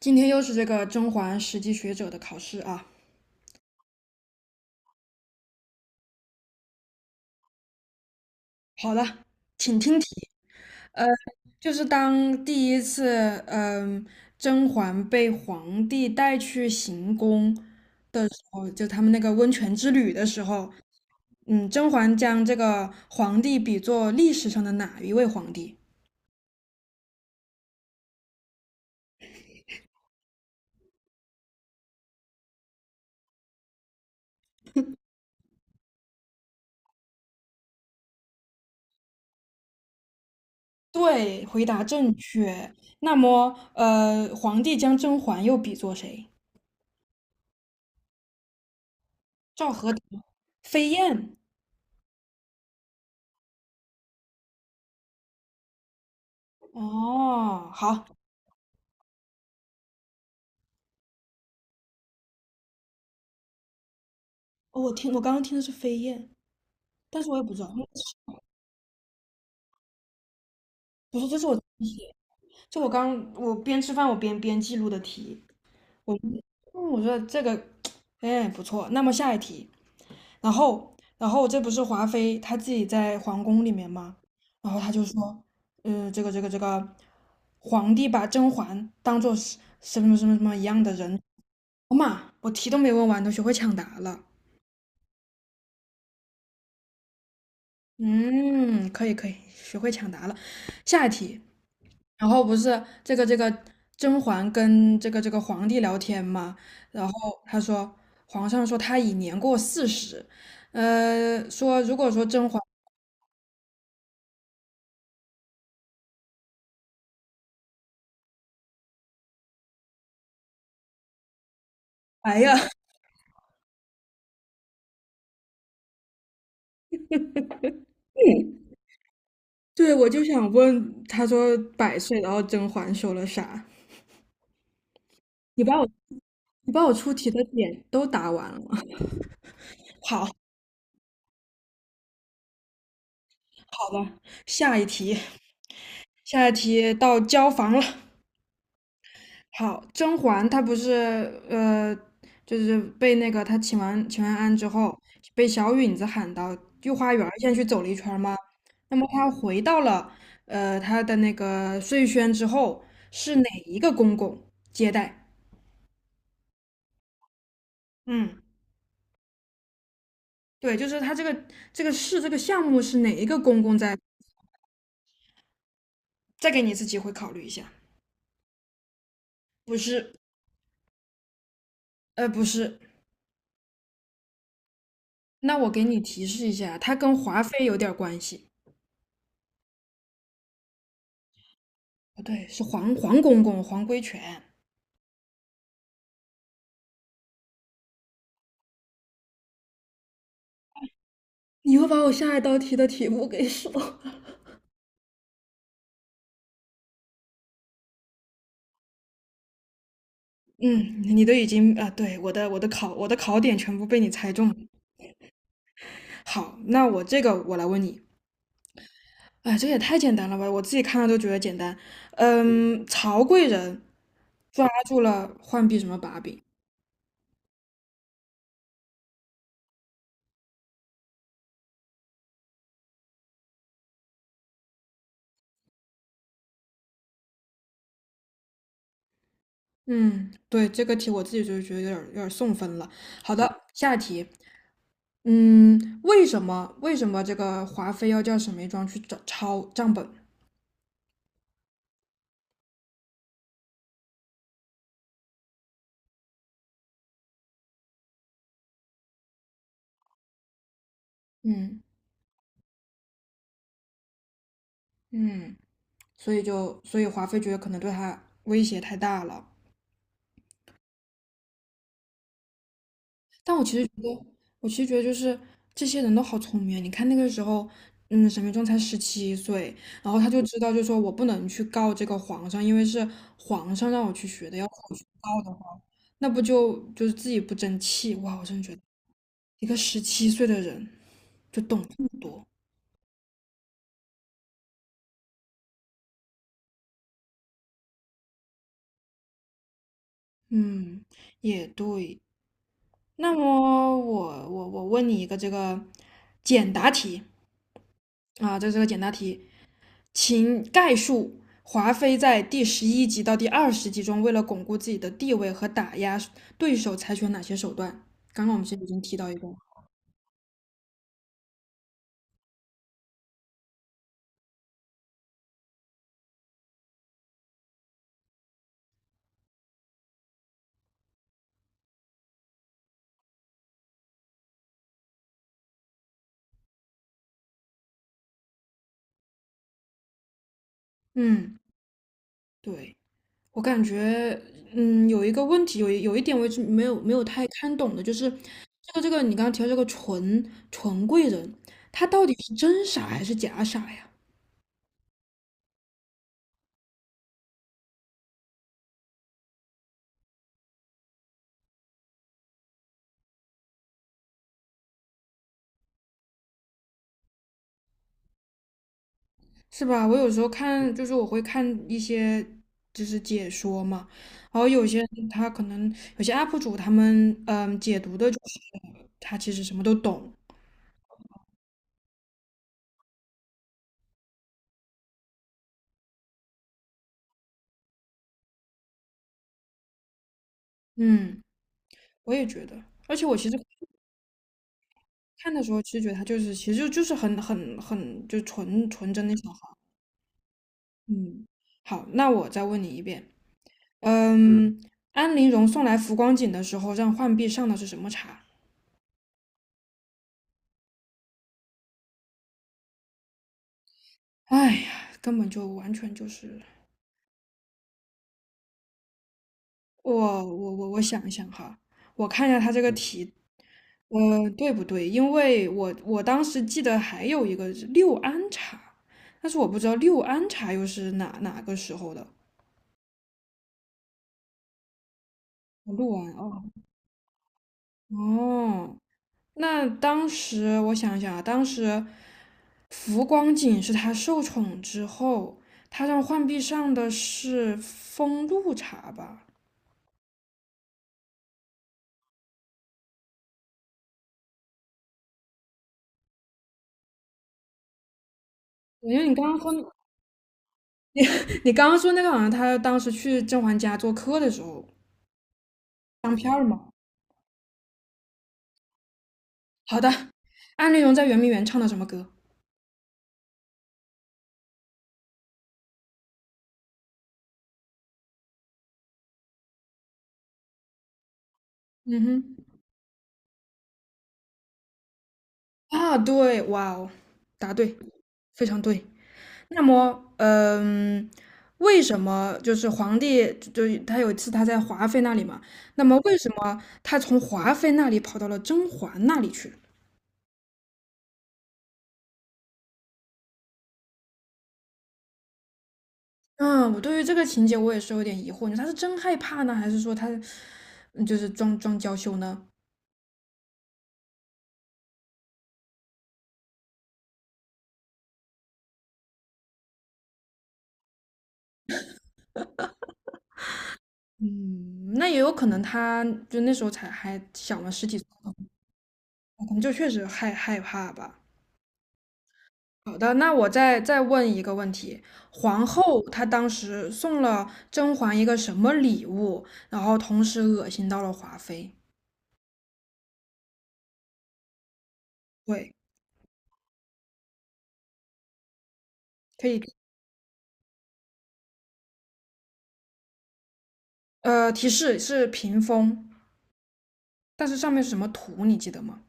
今天又是这个甄嬛实际学者的考试啊。好了，请听题。呃，就是当第一次，嗯、甄嬛被皇帝带去行宫的时候，就他们那个温泉之旅的时候，甄嬛将这个皇帝比作历史上的哪一位皇帝？对，回答正确。那么，皇帝将甄嬛又比作谁？赵合德、飞燕。哦，好，哦，我刚刚听的是飞燕，但是我也不知道，不是，这是我自己写就我边吃饭我边记录的题，我嗯我觉得这个哎不错，那么下一题，然后这不是华妃她自己在皇宫里面吗？然后她就说，这个皇帝把甄嬛当做是什么一样的人，我妈，我题都没问完，都学会抢答了，嗯，可以可以，学会抢答了，下一题。然后不是这个甄嬛跟这个皇帝聊天嘛，然后他说皇上说他已年过40，说如果说甄嬛，哎呀，对，我就想问，他说100岁，然后甄嬛说了啥？你把我你把我出题的点都答完了吗？ 好，好的，下一题，下一题到交房了。好，甄嬛她不是呃，就是被那个她请完安之后，被小允子喊到御花园儿先去走了一圈儿吗？那么她回到了她的那个碎轩之后，是哪一个公公接待？嗯，对，就是她这个事这个项目是哪一个公公在？再给你一次机会考虑一下，不是，不是。那我给你提示一下，他跟华妃有点儿关系，不对，是黄公公黄规全。你又把我下一道题的题目给说了。嗯，你都已经啊，对，我的考点全部被你猜中了。好，那我这个我来问你，哎，这也太简单了吧，我自己看了都觉得简单。曹贵人抓住了浣碧什么把柄？嗯，对，这个题我自己就觉得有点送分了。好的，下一题。为什么这个华妃要叫沈眉庄去找抄账本？嗯嗯。所以华妃觉得可能对他威胁太大了。但我其实觉得就是这些人都好聪明啊。你看那个时候，沈眉庄才十七岁，然后他就知道，就说我不能去告这个皇上，因为是皇上让我去学的，要是我去告的话，那不就是自己不争气。哇，我真的觉得一个十七岁的人就懂这么多，嗯，也对。那么我问你一个这个简答题啊，这是个简答题，请概述华妃在第11集到第20集中，为了巩固自己的地位和打压对手，采取了哪些手段？刚刚我们其实已经提到一个了嗯，对，我感觉，有一个问题，有一点我一直没有太看懂的，就是这个你刚刚提到这个纯贵人，他到底是真傻还是假傻呀？是吧？我有时候看，就是我会看一些就是解说嘛，然后有些人他可能有些 UP 主他们解读的就是他其实什么都懂，嗯，我也觉得，而且我其实看的时候，其实觉得他就是其实就是很就纯真的小孩儿嗯，好，那我再问你一遍，安陵容送来浮光锦的时候，让浣碧上的是什么茶？哎呀，根本就完全就是我我想一想哈，我看一下他这个题，对不对？因为我当时记得还有一个是六安茶，但是我不知道六安茶又是哪个时候的。录完哦哦，那当时我想一想啊，当时浮光景是他受宠之后，他让浣碧上的是风露茶吧？因为你刚刚说 你刚刚说那个好像他当时去甄嬛家做客的时候当片儿嘛。好的，安陵容在圆明园唱的什么歌？嗯哼，啊，对，哇哦，答对，非常对。那么，为什么就是皇帝就他有一次他在华妃那里嘛？那么为什么他从华妃那里跑到了甄嬛那里去？嗯，我对于这个情节我也是有点疑惑，你说他是真害怕呢，还是说他就是装装娇羞呢？嗯，那也有可能他就那时候才还小嘛，十几岁，可能就确实害怕吧。好的，那我再问一个问题：皇后她当时送了甄嬛一个什么礼物，然后同时恶心到了华妃？对，可以，提示是屏风，但是上面是什么图，你记得吗？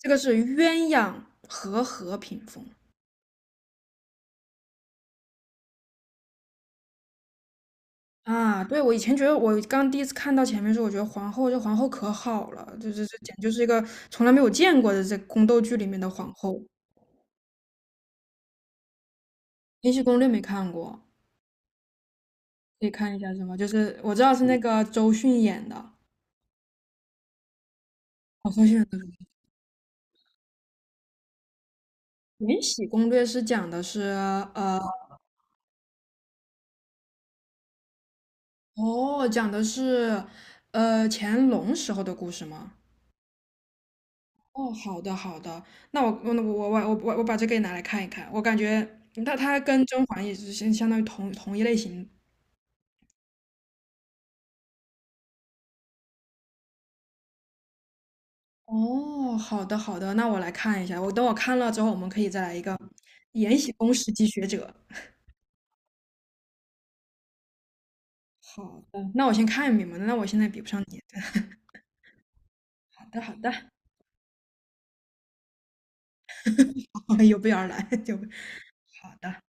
这个是鸳鸯和合屏风啊。对，我以前觉得，我刚第一次看到前面的时候，我觉得这皇后可好了，这简直就是一个从来没有见过的，这宫斗剧里面的皇后。《延禧攻略》没看过，可以看一下是吗？就是我知道是那个周迅演的，哦，周迅演的《延禧攻略》是讲的是呃，哦，讲的是乾隆时候的故事吗？哦，好的好的，那我把这个也拿来看一看，我感觉那它跟甄嬛也是相当于同一类型。哦，好的好的，那我来看一下，我等我看了之后，我们可以再来一个《延禧宫史记学者》。好的，那我先看一遍嘛，那我现在比不上你。好的好的。有备而来，就好的。